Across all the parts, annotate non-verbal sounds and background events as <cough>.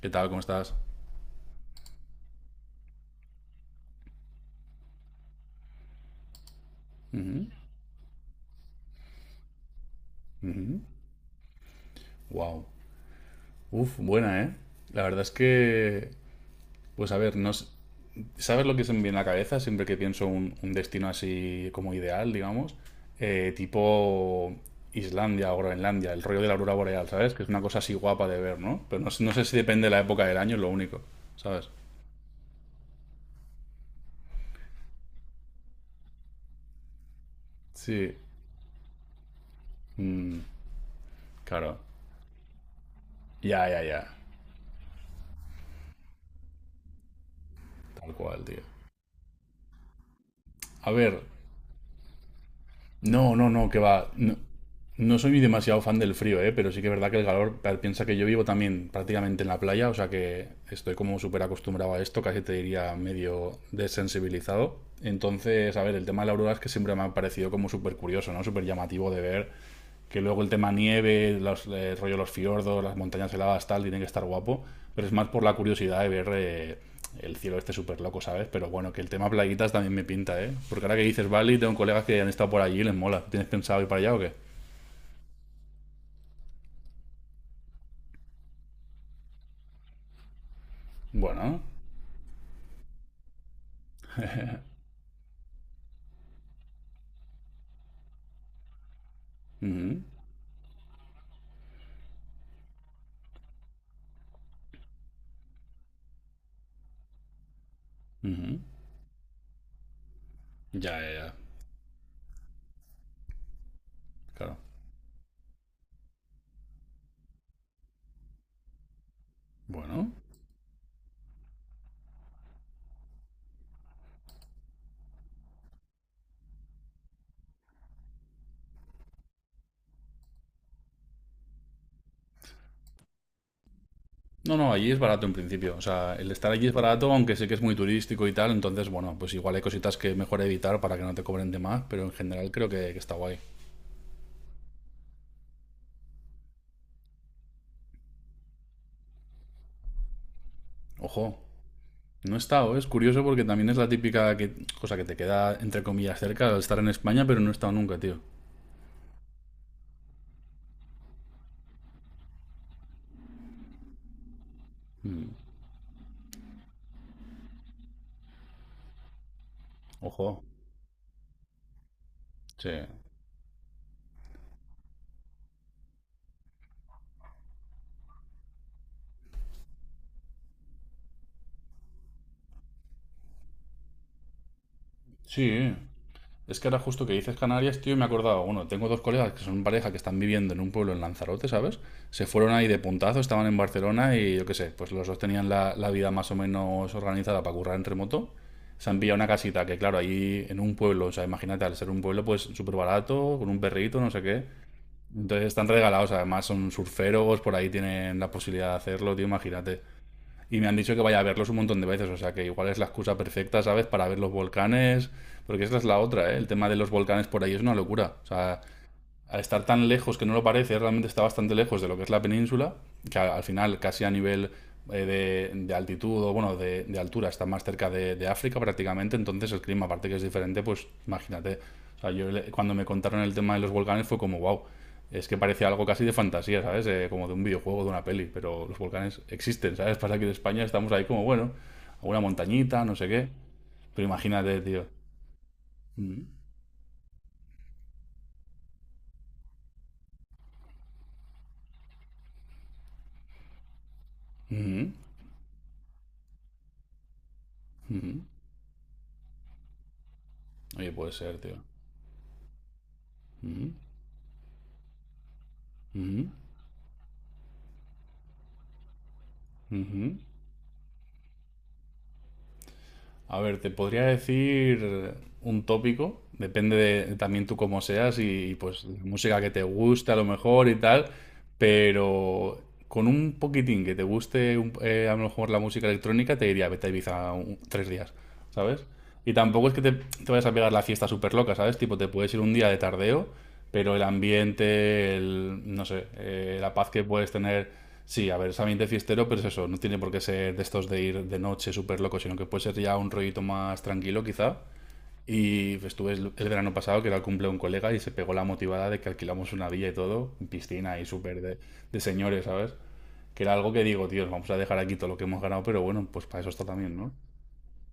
¿Qué tal? ¿Cómo estás? Ujú, ujú. Wow. Uf, buena, ¿eh? La verdad es que, pues a ver, no s- ¿sabes lo que se me viene a la cabeza siempre que pienso un destino así como ideal, digamos? Tipo Islandia o Groenlandia, el rollo de la aurora boreal, ¿sabes? Que es una cosa así guapa de ver, ¿no? Pero no, no sé si depende de la época del año, es lo único, ¿sabes? Sí, claro. Ya, ya, ya. Tal cual, tío. A ver, no, no, no, que va. No, no soy demasiado fan del frío, ¿eh? Pero sí que es verdad que el calor, piensa que yo vivo también prácticamente en la playa, o sea que estoy como súper acostumbrado a esto, casi te diría medio desensibilizado. Entonces, a ver, el tema de la aurora es que siempre me ha parecido como súper curioso, ¿no? Súper llamativo de ver que luego el tema nieve, los, rollo los fiordos, las montañas heladas, tal, tiene que estar guapo, pero es más por la curiosidad de ver el cielo este súper loco, ¿sabes? Pero bueno, que el tema plaguitas también me pinta, ¿eh? Porque ahora que dices Bali, tengo colegas que han estado por allí y les mola. ¿Tienes pensado ir para allá o qué? Bueno, ujú, ujú. Ya, ya, ya, claro. Bueno. No, no, allí es barato en principio. O sea, el estar allí es barato, aunque sé que es muy turístico y tal. Entonces, bueno, pues igual hay cositas que mejor evitar para que no te cobren de más, pero en general creo que está guay. Ojo, no he estado, ¿eh? Es curioso porque también es la típica cosa que te queda, entre comillas, cerca al estar en España, pero no he estado nunca, tío. Ojo. Sí. Sí. ¿Eh? Es que ahora justo que dices Canarias, tío, y me he acordado, bueno, tengo dos colegas que son pareja que están viviendo en un pueblo en Lanzarote, ¿sabes? Se fueron ahí de puntazo, estaban en Barcelona y yo qué sé, pues los dos tenían la vida más o menos organizada para currar en remoto. Se han pillado una casita que, claro, ahí en un pueblo, o sea, imagínate, al ser un pueblo, pues súper barato, con un perrito, no sé qué. Entonces están regalados, además son surferos, por ahí tienen la posibilidad de hacerlo, tío, imagínate. Y me han dicho que vaya a verlos un montón de veces, o sea que igual es la excusa perfecta, ¿sabes? Para ver los volcanes, porque esta es la otra, ¿eh? El tema de los volcanes por ahí es una locura. O sea, al estar tan lejos que no lo parece, realmente está bastante lejos de lo que es la península, que al final casi a nivel eh, de altitud o bueno, de altura está más cerca de, de África prácticamente, entonces el clima aparte que es diferente, pues imagínate, o sea, yo cuando me contaron el tema de los volcanes fue como, wow, es que parece algo casi de fantasía, ¿sabes? Como de un videojuego, de una peli, pero los volcanes existen, ¿sabes? <laughs> Pasa que en España estamos ahí como, bueno, a una montañita, no sé qué, pero imagínate, tío. Mm -hmm, mm -hmm. Oye, puede ser, tío. Mm -hmm. Ujú. A ver, te podría decir un tópico, depende de también tú cómo seas y, pues música que te guste a lo mejor y tal, pero con un poquitín que te guste a lo mejor la música electrónica te diría vete a Ibiza 3 días. ¿Sabes? Y tampoco es que te vayas a pegar la fiesta súper loca, ¿sabes? Tipo, te puedes ir un día de tardeo, pero el ambiente, el, no sé, la paz que puedes tener, sí, a ver, es ambiente fiestero, pero es eso, no tiene por qué ser de estos de ir de noche súper loco, sino que puede ser ya un rollito más tranquilo quizá. Y pues, estuve el verano pasado, que era el cumple de un colega, y se pegó la motivada de que alquilamos una villa y todo, piscina y súper de, señores, ¿sabes? Que era algo que digo, tío, vamos a dejar aquí todo lo que hemos ganado, pero bueno, pues para eso está también, ¿no?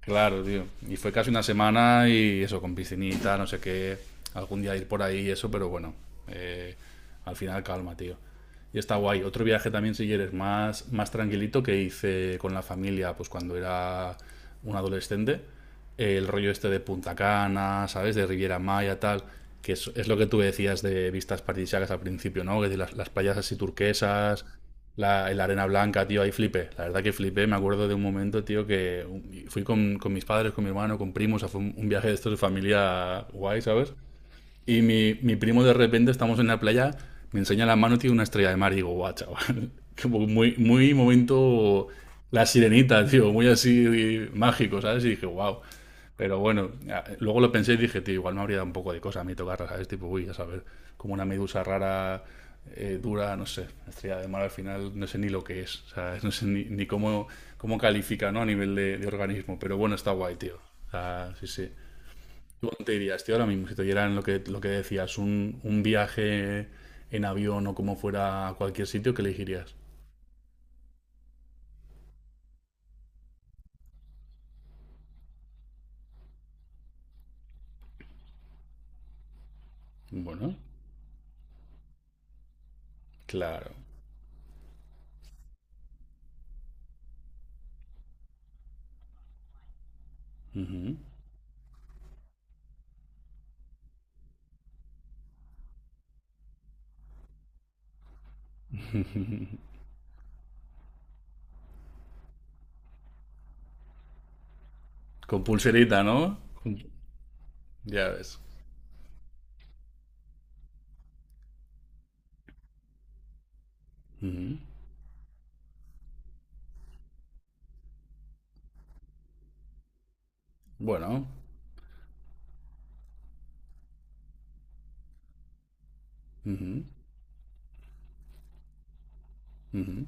Claro, tío. Y fue casi una semana y eso, con piscinita, no sé qué. Algún día ir por ahí y eso, pero bueno. eh, Al final calma, tío. Y está guay. Otro viaje también, si quieres, más, más tranquilito que hice con la familia, pues cuando era un adolescente. El rollo este de Punta Cana, ¿sabes? De Riviera Maya, tal. Que es lo que tú decías de vistas paradisíacas al principio, ¿no? Que de las playas así turquesas, la arena blanca, tío, ahí flipé. La verdad que flipé. Me acuerdo de un momento, tío, que fui con mis padres, con mi hermano, con primos. O sea, fue un viaje de estos de familia guay, ¿sabes? Y mi primo de repente, estamos en la playa, me enseña la mano y tiene una estrella de mar. Y digo, guau, chaval. <laughs> Como muy, muy momento la sirenita, tío, muy así mágico, ¿sabes? Y dije, wow. Pero bueno, ya, luego lo pensé y dije, tío, igual me habría dado un poco de cosa a mí tocarla, ¿sabes? Tipo, uy, a saber, como una medusa rara, dura, no sé, estrella de mar al final, no sé ni lo que es, ¿sabes? <laughs> No sé ni, ni cómo, cómo califica, ¿no? A nivel de, organismo, pero bueno, está guay, tío. O sea, sí, sí. ¿Tú dónde te dirías, tío, ahora mismo? Si te dieran lo que decías, un viaje en avión o como fuera a cualquier sitio, ¿qué elegirías? Bueno, claro. Ujú. Con pulserita, ¿no? Ya ves. Ujú. Bueno. Ujú, ujú.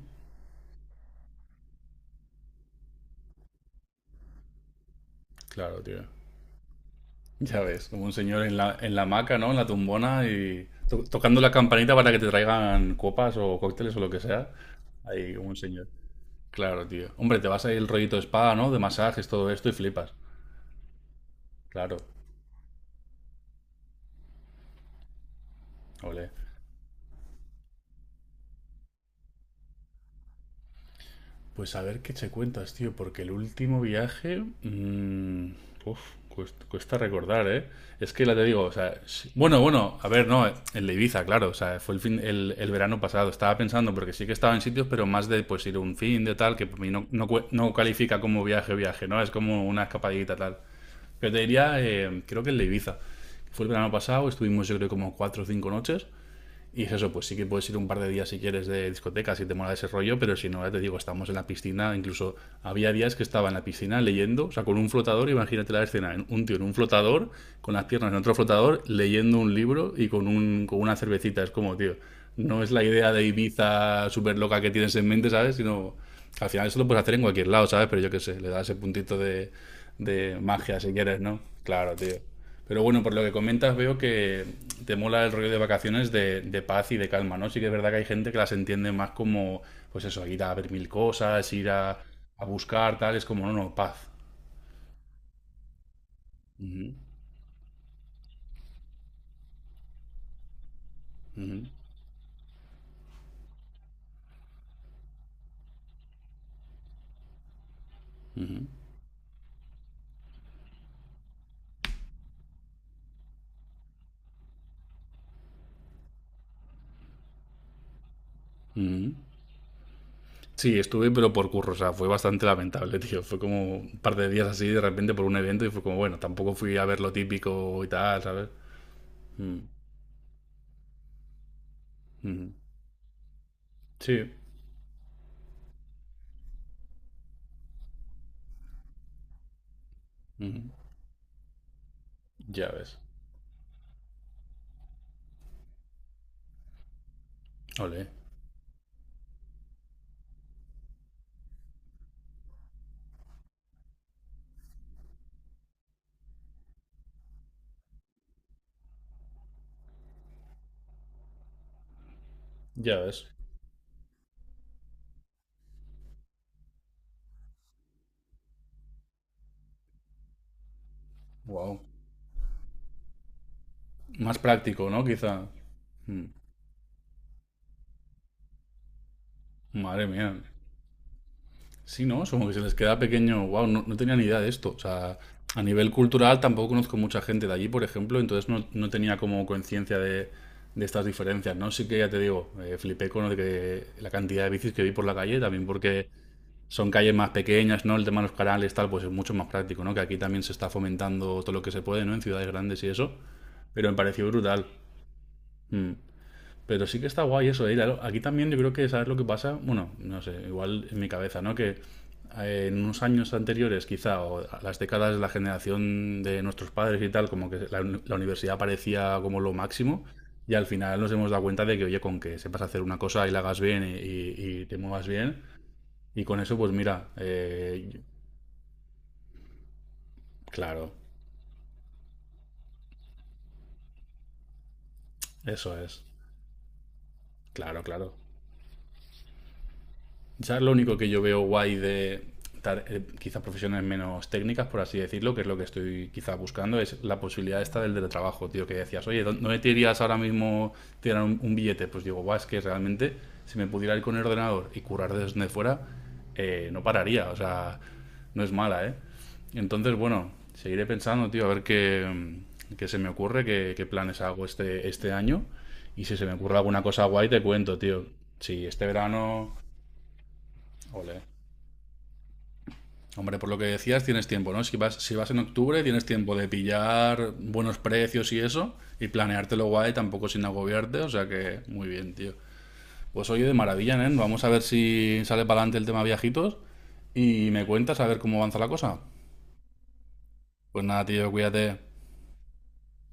Claro, tío. Ya ves, como un señor en la, hamaca, ¿no? En la tumbona y tocando la campanita para que te traigan copas o cócteles o lo que sea. Ahí, como un señor. Claro, tío. Hombre, te vas ahí el rollito spa, ¿no? De masajes, todo esto y flipas. Claro. Ole. Pues a ver qué te cuentas, tío, porque el último viaje. Uf, cuesta recordar, ¿eh? Es que la te digo, o sea. Bueno, bueno, a ver, no, el de Ibiza, claro, o sea, fue el verano pasado. Estaba pensando, porque sí que estaba en sitios, pero más de pues ir un fin de tal, que para mí no, no, no califica como viaje, viaje, ¿no? Es como una escapadita tal. Pero te diría, creo que el de Ibiza. Fue el verano pasado, estuvimos yo creo como 4 o 5 noches. Y es eso, pues sí que puedes ir un par de días si quieres de discoteca, si te mola ese rollo, pero si no, ya te digo, estamos en la piscina, incluso había días que estaba en la piscina leyendo, o sea, con un flotador, imagínate la escena, un tío en un flotador, con las piernas en otro flotador, leyendo un libro y con, con una cervecita, es como, tío, no es la idea de Ibiza súper loca que tienes en mente, ¿sabes? Sino, al final eso lo puedes hacer en cualquier lado, ¿sabes? Pero yo qué sé, le da ese puntito de, magia si quieres, ¿no? Claro, tío. Pero bueno, por lo que comentas, veo que te mola el rollo de vacaciones de, paz y de calma, ¿no? Sí que es verdad que hay gente que las entiende más como, pues eso, ir a ver mil cosas, ir a, buscar, tal, es como, no, no, paz. Ujú, ujú, ujú, ujú. Sí, estuve, pero por curro, o sea, fue bastante lamentable, <laughs> tío. Fue como un par de días así, de repente, por un evento, y fue como, bueno, tampoco fui a ver lo típico y tal, ¿sabes? Mm, ujú. Sí, ujú. Ya ves. Ole, ya ves. Wow. Más práctico, ¿no? Quizá. Mm, madre mía. Sí, ¿no? Es como que se les queda pequeño. Wow, no, no tenía ni idea de esto. O sea, a nivel cultural tampoco conozco mucha gente de allí, por ejemplo, entonces no, no tenía como conciencia de, estas diferencias, ¿no? Sí que ya te digo, flipé con lo de que la cantidad de bicis que vi por la calle, también porque son calles más pequeñas, ¿no? El tema de los canales, tal, pues es mucho más práctico, ¿no? Que aquí también se está fomentando todo lo que se puede, ¿no? En ciudades grandes y eso. Pero me pareció brutal. Mm. Pero sí que está guay eso, ¿eh? Claro, aquí también yo creo que sabes lo que pasa, bueno, no sé, igual en mi cabeza, ¿no? Que en unos años anteriores, quizá, o a las décadas de la generación de nuestros padres y tal, como que la, la universidad parecía como lo máximo, y al final nos hemos dado cuenta de que, oye, con que sepas hacer una cosa y la hagas bien y, y te muevas bien, y con eso, pues mira, claro, eso es, claro, claro. Ya lo único que yo veo guay de quizás profesiones menos técnicas, por así decirlo, que es lo que estoy quizás buscando, es la posibilidad esta del teletrabajo, tío, que decías, oye, ¿dónde te irías ahora mismo tirar un billete? Pues digo, guau, es que realmente si me pudiera ir con el ordenador y curar desde fuera, no pararía, o sea, no es mala, ¿eh? Entonces, bueno, seguiré pensando, tío, a ver qué, qué se me ocurre, qué, planes hago este año. Y si se me ocurre alguna cosa guay, te cuento, tío. Si este verano... Ole. Hombre, por lo que decías, tienes tiempo, ¿no? Si vas, si vas en octubre, tienes tiempo de pillar buenos precios y eso, y planeártelo guay, tampoco sin agobiarte, o sea que muy bien, tío. Pues oye, de maravilla, ¿eh? Vamos a ver si sale para adelante el tema viajitos y me cuentas a ver cómo avanza la cosa. Pues nada, tío, cuídate.